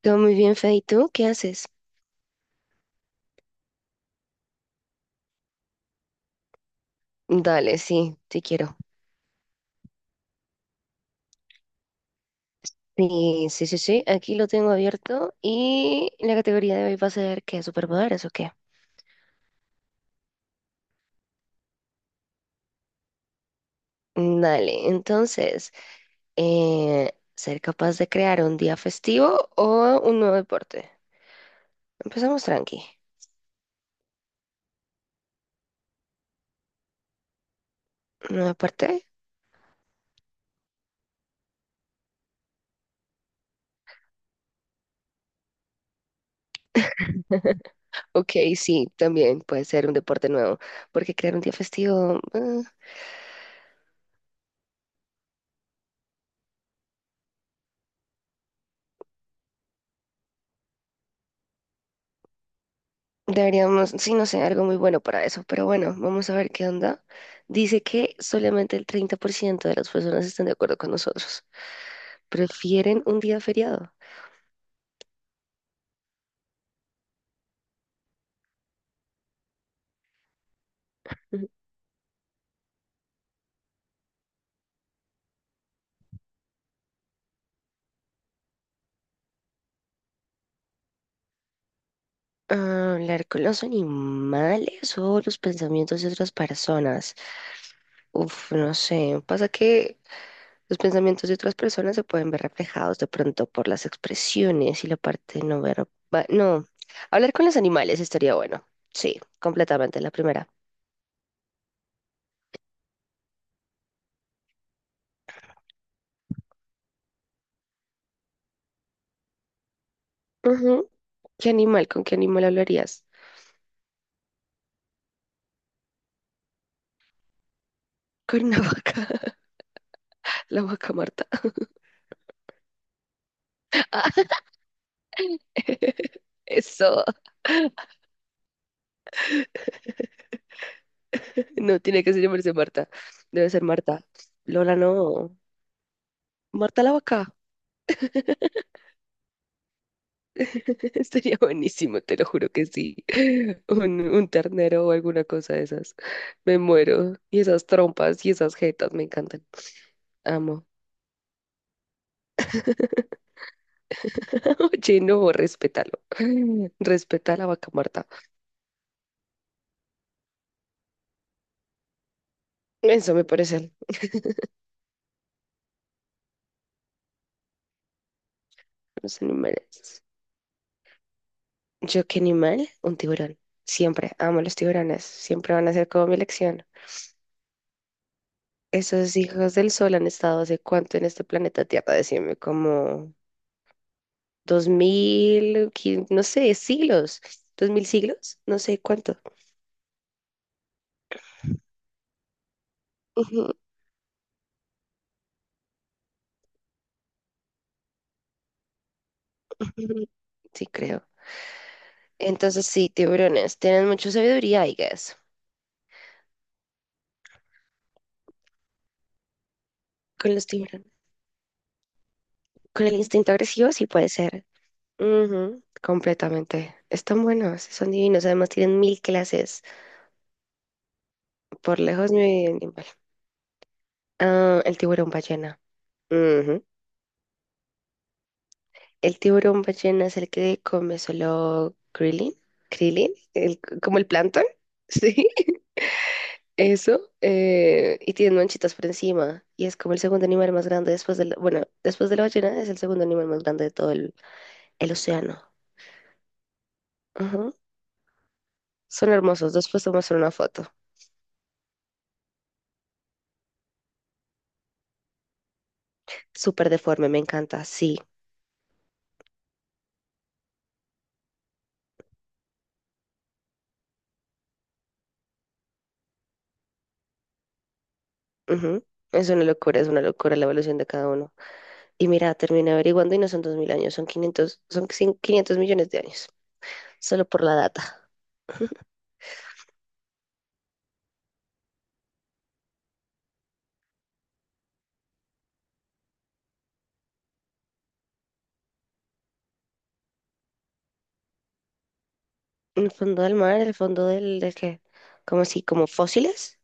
Todo muy bien, Fe. ¿Y tú qué haces? Dale, sí, sí quiero. Sí, sí, sí, sí. Aquí lo tengo abierto y la categoría de hoy va a ser, ¿qué superpoderes o qué? Dale, entonces, eh, ¿ser capaz de crear un día festivo o un nuevo deporte? Empezamos tranqui. ¿Nuevo deporte? Ok, sí, también puede ser un deporte nuevo, porque crear un día festivo, deberíamos, sí, no sé, algo muy bueno para eso, pero bueno, vamos a ver qué onda. Dice que solamente el 30% de las personas están de acuerdo con nosotros. Prefieren un día feriado. Ujú. Ah, hablar con los animales o los pensamientos de otras personas. No sé. Pasa que los pensamientos de otras personas se pueden ver reflejados de pronto por las expresiones y la parte no verbal. No, hablar con los animales estaría bueno. Sí, completamente, la primera. ¿Qué animal? ¿Con qué animal hablarías? Con una vaca, la vaca Marta. Eso. No tiene que ser llamarse Marta. Debe ser Marta. Lola, no. Marta la vaca. Estaría buenísimo, te lo juro que sí. Un ternero o alguna cosa de esas. Me muero. Y esas trompas y esas jetas me encantan. Amo. Oye, no, respétalo. Respeta a la vaca Marta. Eso me parecen los animales. Yo, qué animal, un tiburón. Siempre amo los tiburones. Siempre van a ser como mi elección. Esos hijos del sol han estado hace cuánto en este planeta Tierra, decime, como no sé, siglos, 2000 siglos, no sé cuánto. Ujú, ujú. Sí, creo. Entonces, sí, tiburones, tienen mucha sabiduría, I guess, con los tiburones. Con el instinto agresivo, sí puede ser. Ujú, completamente. Están buenos, son divinos. Además, tienen mil clases. Por lejos, mi animal. Ah, el tiburón ballena. Ujú. El tiburón ballena es el que come solo krillin, como el plancton. Sí, eso. Y tiene manchitas por encima. Y es como el segundo animal más grande después del, bueno, después de la ballena es el segundo animal más grande de todo el océano. Ujú. Son hermosos. Después te muestro una foto. Súper deforme, me encanta. Sí. Ujú. Es una locura la evolución de cada uno. Y mira, terminé averiguando y no son 2.000 años, son 500 500 millones de años. Solo por la data. En el fondo del mar, el fondo del, del que, como así? Como fósiles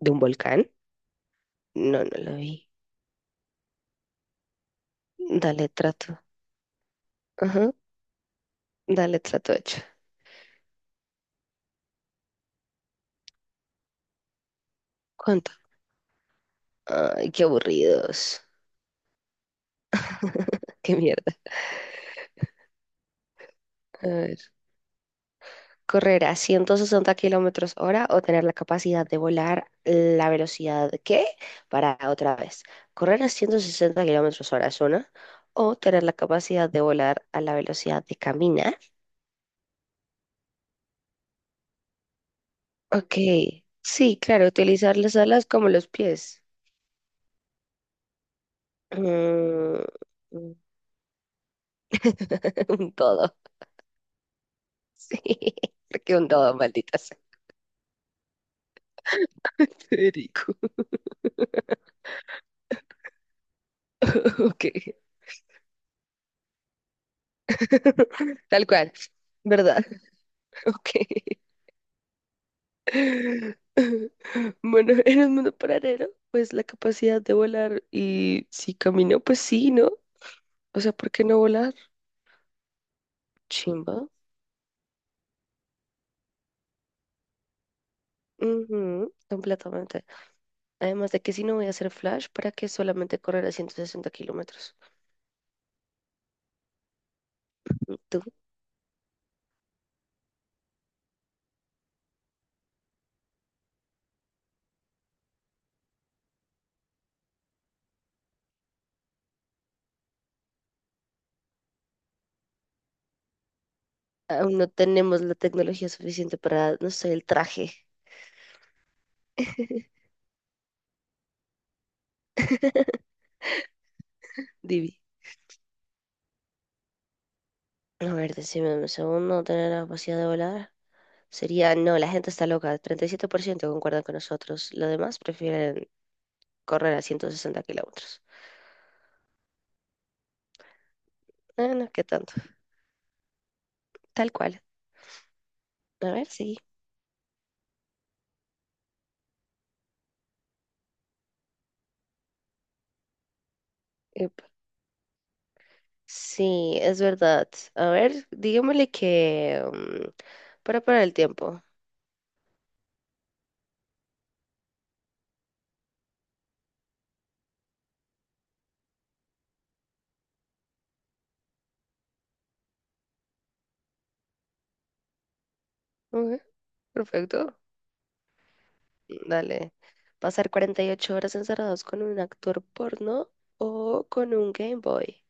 de un volcán. No, no lo vi. Dale trato. Ajá, dale trato hecho. ¿Cuánto? Ay, qué aburridos. Qué mierda. A ver. Correr a 160 kilómetros hora o tener la capacidad de volar la velocidad que, para otra vez, correr a 160 kilómetros hora es una, o tener la capacidad de volar a la velocidad de caminar. Ok, sí, claro, utilizar las alas como los pies. Mm, mm. Un todo, sí, porque un todo, maldita sea. Federico, ok, tal cual, ¿verdad? Ok. Bueno, en el mundo paralelo, pues la capacidad de volar y si camino, pues sí, ¿no? O sea, ¿por qué no volar? Chimba. Ujú, completamente. Además de que si no voy a hacer flash, ¿para qué solamente correr a 160 kilómetros? tú- Aún no tenemos la tecnología suficiente para, no sé, el traje. Divi. A ver, decime un segundo, ¿no tener la capacidad de volar? Sería, no, la gente está loca. 37% concuerdan con nosotros. Los demás prefieren correr a 160 kilómetros. Ah, no, qué tanto. Tal cual. A ver, sí. Epa. Sí, es verdad. A ver, digámosle que... para parar el tiempo. Ok, perfecto. Dale. ¿Pasar 48 horas encerrados con un actor porno o con un Game Boy?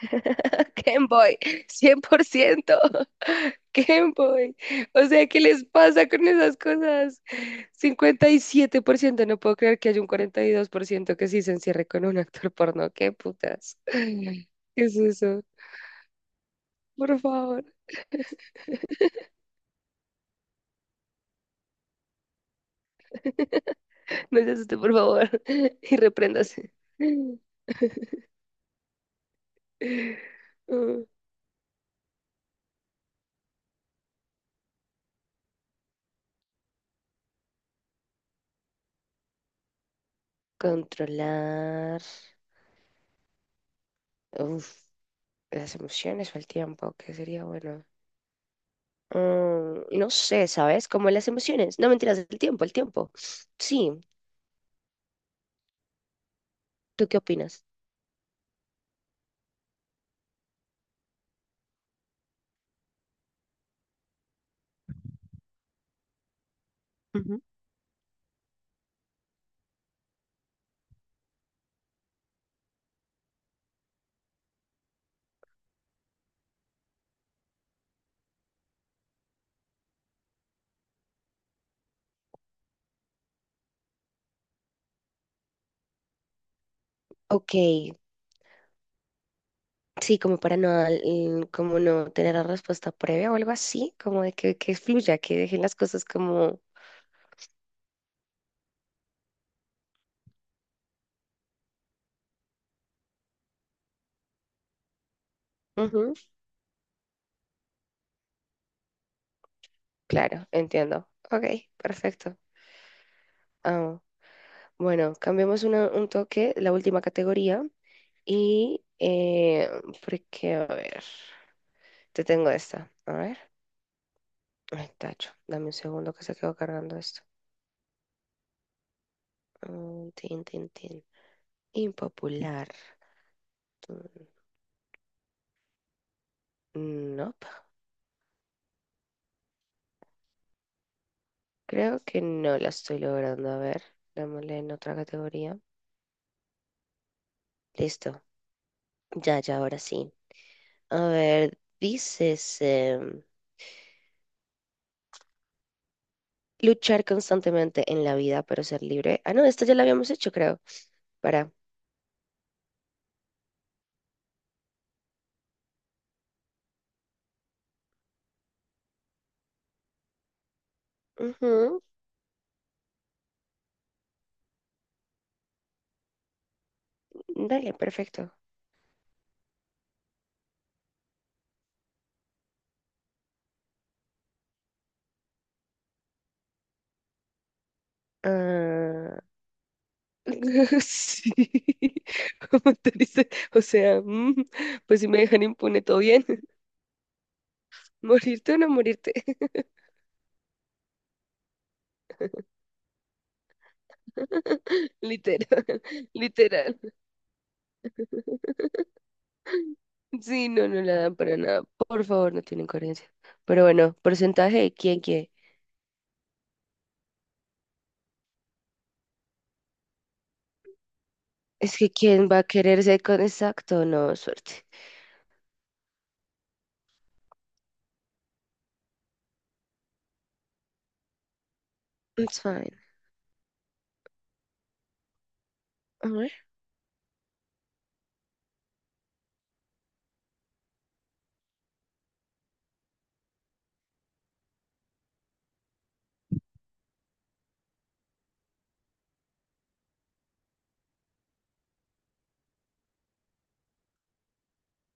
Game Boy, 100%, Game Boy. O sea, ¿qué les pasa con esas cosas? 57%. No puedo creer que haya un 42% que sí se encierre con un actor porno. ¿Qué putas? ¿Qué es eso? Por favor, no se asuste, por favor. Y repréndase. Uh, Controlar. Uf, las emociones o el tiempo, que sería bueno. No sé, ¿sabes? Como las emociones. No mentiras, el tiempo, el tiempo. Sí, ¿tú qué opinas? Ujú. Ok, sí, como para no, como no tener la respuesta previa o algo así, como de que fluya, que dejen las cosas como... Ujú, claro, entiendo. Ok, perfecto. Ah, bueno, cambiamos un toque, la última categoría, y porque, a ver, te tengo esta, a ver. Ay, tacho, dame un segundo que se quedó cargando esto. Mm, tin, tin, tin. Impopular. Mm, nope. Creo que no la estoy logrando. A ver, dámosle en otra categoría. Listo. Ya, ya, ahora sí. A ver, dices luchar constantemente en la vida, pero ser libre. Ah, no, esta ya la habíamos hecho, creo. Para. Ujú, dale, perfecto. Ah, sí, como tú dices, o sea, pues si me dejan impune, todo bien. ¿Morirte o no morirte? Literal, literal. Sí, no, no la dan para nada. Por favor, no tienen coherencia. Pero bueno, porcentaje de quién quiere. Es que quién va a quererse con exacto, no, suerte. It's fine. A ver.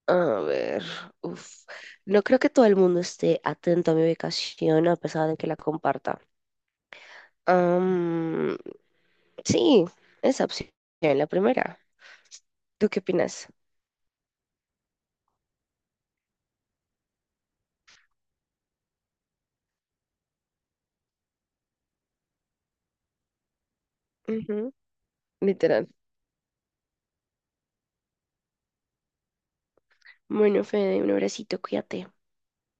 A ver, uf. No creo que todo el mundo esté atento a mi ubicación a pesar de que la comparta. Sí, esa opción, la primera. ¿Tú qué opinas? Ujú, literal. Bueno, Fede, un abracito, cuídate.